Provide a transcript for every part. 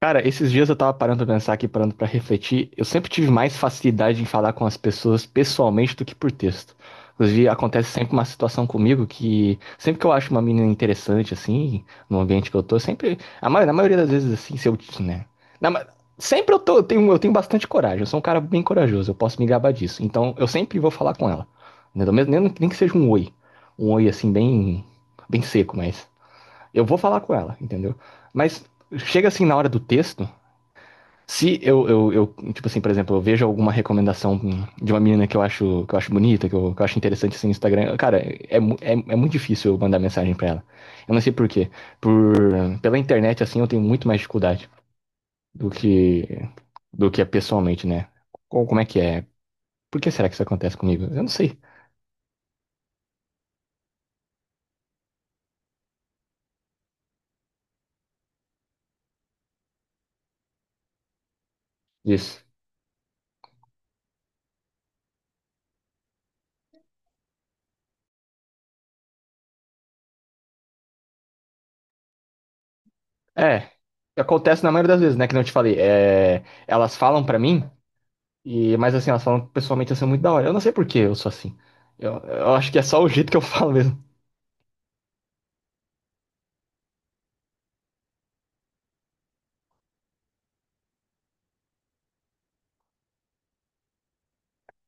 Cara, esses dias eu tava parando pra pensar aqui, parando pra refletir. Eu sempre tive mais facilidade em falar com as pessoas pessoalmente do que por texto. Inclusive, acontece sempre uma situação comigo que sempre que eu acho uma menina interessante, assim, no ambiente que eu tô, sempre. Na maioria das vezes, assim, se eu. Né? Na ma- sempre eu tô, eu tenho bastante coragem. Eu sou um cara bem corajoso, eu posso me gabar disso. Então, eu sempre vou falar com ela. Né? Do mesmo- nem que seja um oi. Um oi, assim, bem, bem seco, mas. Eu vou falar com ela, entendeu? Mas chega assim na hora do texto. Se tipo assim, por exemplo, eu vejo alguma recomendação de uma menina que eu acho bonita, que eu acho interessante assim no Instagram, cara, mu- é muito difícil eu mandar mensagem pra ela. Eu não sei por quê. Por, pela internet, assim, eu tenho muito mais dificuldade do que, do que é pessoalmente, né? Co- Como é que é? Por que será que isso acontece comigo? Eu não sei disso. É, acontece na maioria das vezes, né? Que não te falei. É, elas falam pra mim, e, mas assim, elas falam pessoalmente assim muito da hora. Eu não sei por que eu sou assim. Eu acho que é só o jeito que eu falo mesmo.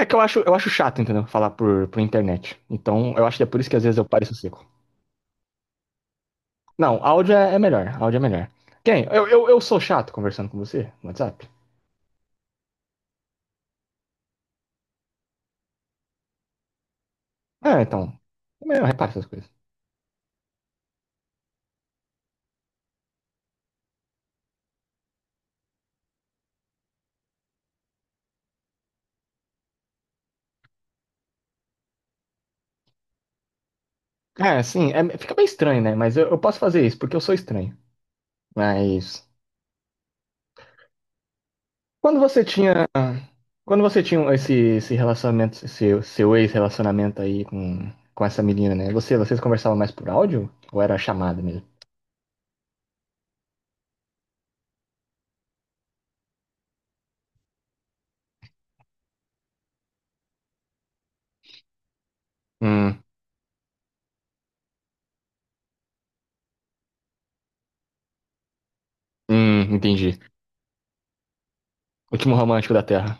É que eu acho chato, entendeu? Falar por internet. Então, eu acho que é por isso que às vezes eu pareço seco. Não, áudio é melhor. Áudio é melhor. Quem? Eu sou chato conversando com você no WhatsApp? Ah, então. Eu reparo essas coisas. É, sim, é- fica bem estranho, né? Mas eu posso fazer isso, porque eu sou estranho. Mas. Quando você tinha. Quando você tinha esse, esse relacionamento, seu ex-relacionamento aí com essa menina, né? Você, vocês conversavam mais por áudio? Ou era chamada mesmo? Hum, entendi. Último romântico da Terra.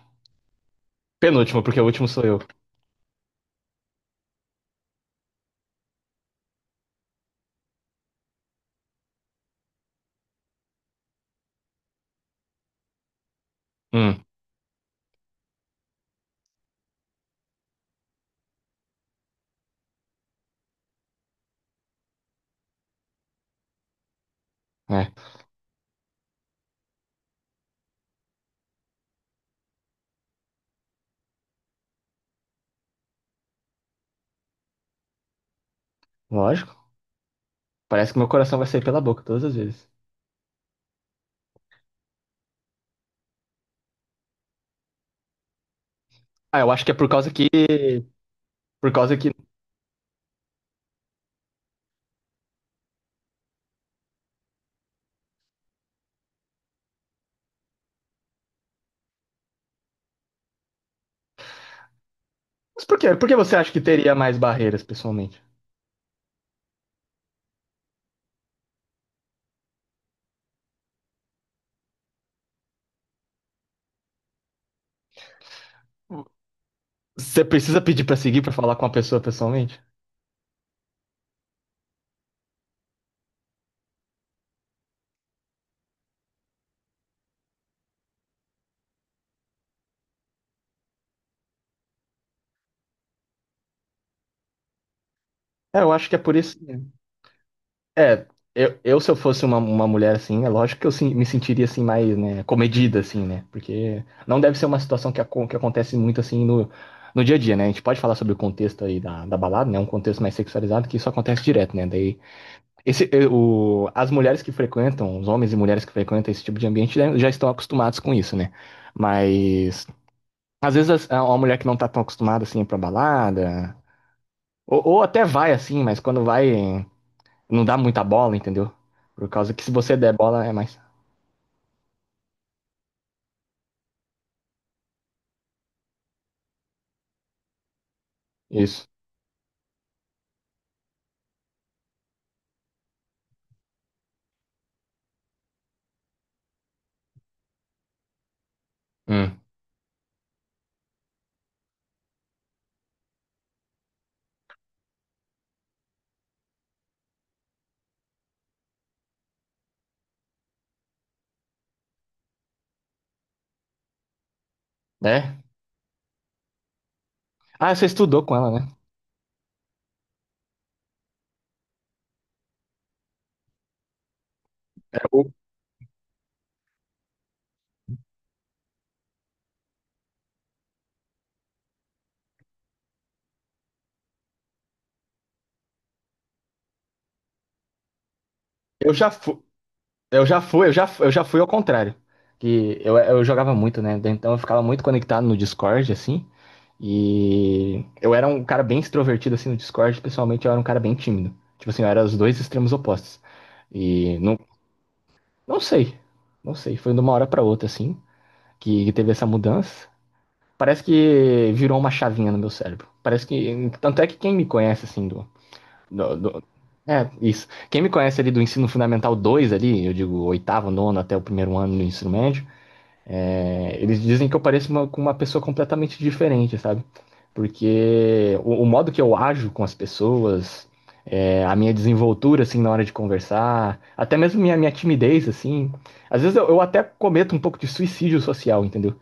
Penúltimo, porque o último sou eu. Hum, é. Lógico. Parece que meu coração vai sair pela boca todas as vezes. Ah, eu acho que é por causa que. Por causa que. Mas por quê? Por que você acha que teria mais barreiras pessoalmente? Você precisa pedir pra seguir pra falar com a pessoa pessoalmente? É, eu acho que é por isso. Mesmo. É, eu se eu fosse uma mulher assim, é lógico que eu sim- me sentiria assim mais, né, comedida assim, né? Porque não deve ser uma situação que, acon- que acontece muito assim no, no dia a dia, né? A gente pode falar sobre o contexto aí da, da balada, né? Um contexto mais sexualizado que isso acontece direto, né? Daí esse, o, as mulheres que frequentam, os homens e mulheres que frequentam esse tipo de ambiente já estão acostumados com isso, né? Mas às vezes as- a- uma mulher que não tá tão acostumada assim é pra balada, ou até vai assim, mas quando vai não dá muita bola, entendeu? Por causa que se você der bola é mais. Isso. Hum. É? Ah, você estudou com ela, né? É, o- Eu já fui, fu- eu já fui ao contrário. Que eu jogava muito, né? Então eu ficava muito conectado no Discord, assim. E eu era um cara bem extrovertido assim no Discord, pessoalmente eu era um cara bem tímido. Tipo assim, eu era os dois extremos opostos. E não, não sei, não sei, foi de uma hora pra outra assim que teve essa mudança. Parece que virou uma chavinha no meu cérebro. Parece que tanto é que quem me conhece assim do, do, do- é, isso. Quem me conhece ali do ensino fundamental 2 ali, eu digo oitavo, nono até o primeiro ano do ensino médio, é, eles dizem que eu pareço uma- com uma pessoa completamente diferente, sabe? Porque o modo que eu ajo com as pessoas, é, a minha desenvoltura, assim, na hora de conversar, até mesmo minha, minha timidez, assim. Às vezes eu até cometo um pouco de suicídio social, entendeu?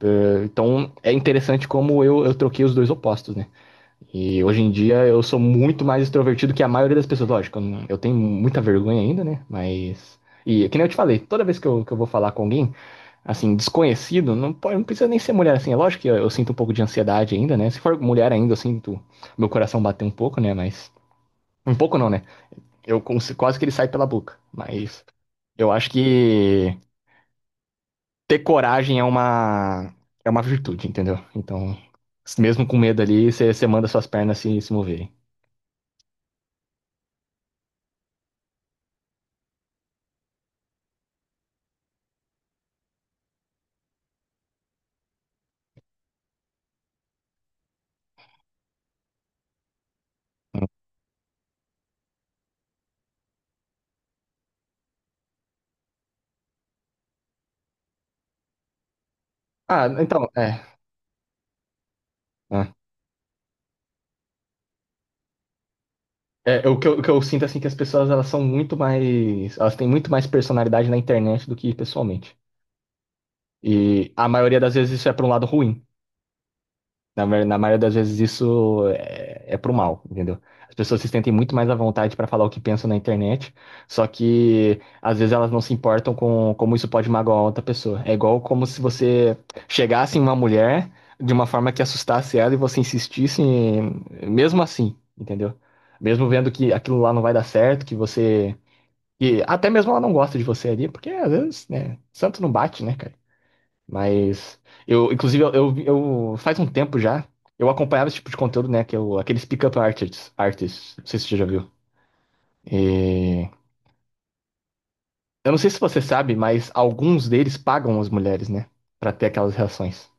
É, então é interessante como eu troquei os dois opostos, né? E hoje em dia eu sou muito mais extrovertido que a maioria das pessoas. Lógico, eu não- eu tenho muita vergonha ainda, né? Mas. E que nem eu te falei, toda vez que que eu vou falar com alguém assim, desconhecido, não pode, não precisa nem ser mulher assim. É lógico que eu sinto um pouco de ansiedade ainda, né? Se for mulher ainda, eu sinto meu coração bater um pouco, né? Mas. Um pouco não, né? Eu cons- quase que ele sai pela boca. Mas eu acho que ter coragem é uma virtude, entendeu? Então, mesmo com medo ali, você manda suas pernas se moverem. Ah, então, é. É. É, o que eu sinto assim que as pessoas elas são muito mais, elas têm muito mais personalidade na internet do que pessoalmente. E a maioria das vezes isso é para um lado ruim. Na, ma- na maioria das vezes isso é, é pro mal, entendeu? As pessoas se sentem muito mais à vontade para falar o que pensam na internet, só que às vezes elas não se importam com como isso pode magoar outra pessoa. É igual como se você chegasse em uma mulher de uma forma que assustasse ela e você insistisse em- mesmo assim, entendeu? Mesmo vendo que aquilo lá não vai dar certo, que você. E até mesmo ela não gosta de você ali, porque às vezes, né, santo não bate, né, cara? Mas eu, inclusive, eu- faz um tempo já, eu acompanhava esse tipo de conteúdo, né? Que é o- aqueles pick artists, artists, não sei se você já viu. E eu não sei se você sabe, mas alguns deles pagam as mulheres, né? Pra ter aquelas reações.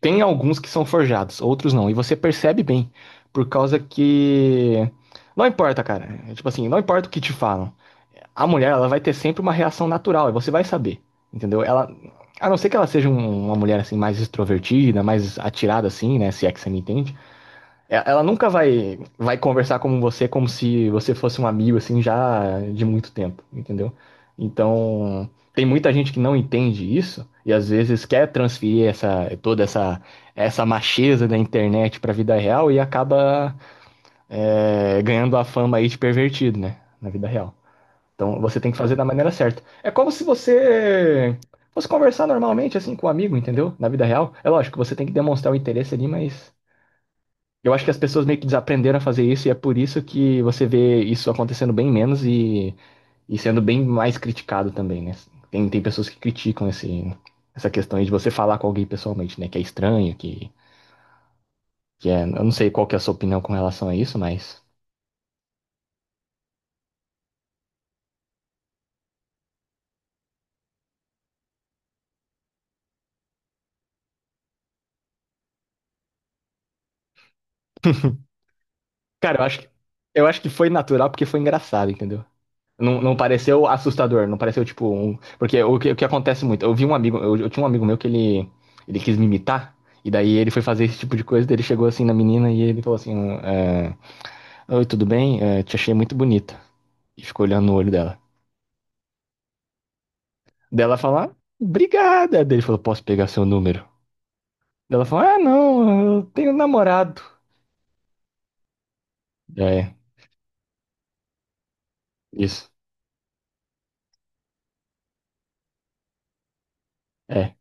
Tem alguns que são forjados, outros não. E você percebe bem, por causa que não importa, cara. É tipo assim, não importa o que te falam. A mulher, ela vai ter sempre uma reação natural, e você vai saber, entendeu? Ela, a não ser que ela seja um- uma mulher assim mais extrovertida, mais atirada assim, né, se é que você me entende, e- ela nunca vai conversar com você como se você fosse um amigo assim já de muito tempo, entendeu? Então, tem muita gente que não entende isso e às vezes quer transferir essa toda essa essa macheza da internet pra vida real e acaba ganhando a fama aí de pervertido, né, na vida real. Então você tem que fazer da maneira certa. É como se você fosse conversar normalmente, assim, com um amigo, entendeu? Na vida real. É lógico, você tem que demonstrar o interesse ali, mas eu acho que as pessoas meio que desaprenderam a fazer isso e é por isso que você vê isso acontecendo bem menos e sendo bem mais criticado também, né? Tem pessoas que criticam esse, essa questão aí de você falar com alguém pessoalmente, né? Que é estranho, que é. Eu não sei qual que é a sua opinião com relação a isso, mas. Cara, eu acho que foi natural porque foi engraçado, entendeu? Não, não pareceu assustador, não pareceu tipo um. Porque o que acontece muito, eu vi um amigo, eu tinha um amigo meu que ele quis me imitar, e daí ele foi fazer esse tipo de coisa, daí ele chegou assim na menina e ele falou assim: é, oi, tudo bem? É, te achei muito bonita. E ficou olhando no olho dela. Dela fala, "Ah, obrigada." Daí ele falou, posso pegar seu número? Daí ela falou, ah, não, eu tenho namorado. É, isso. É.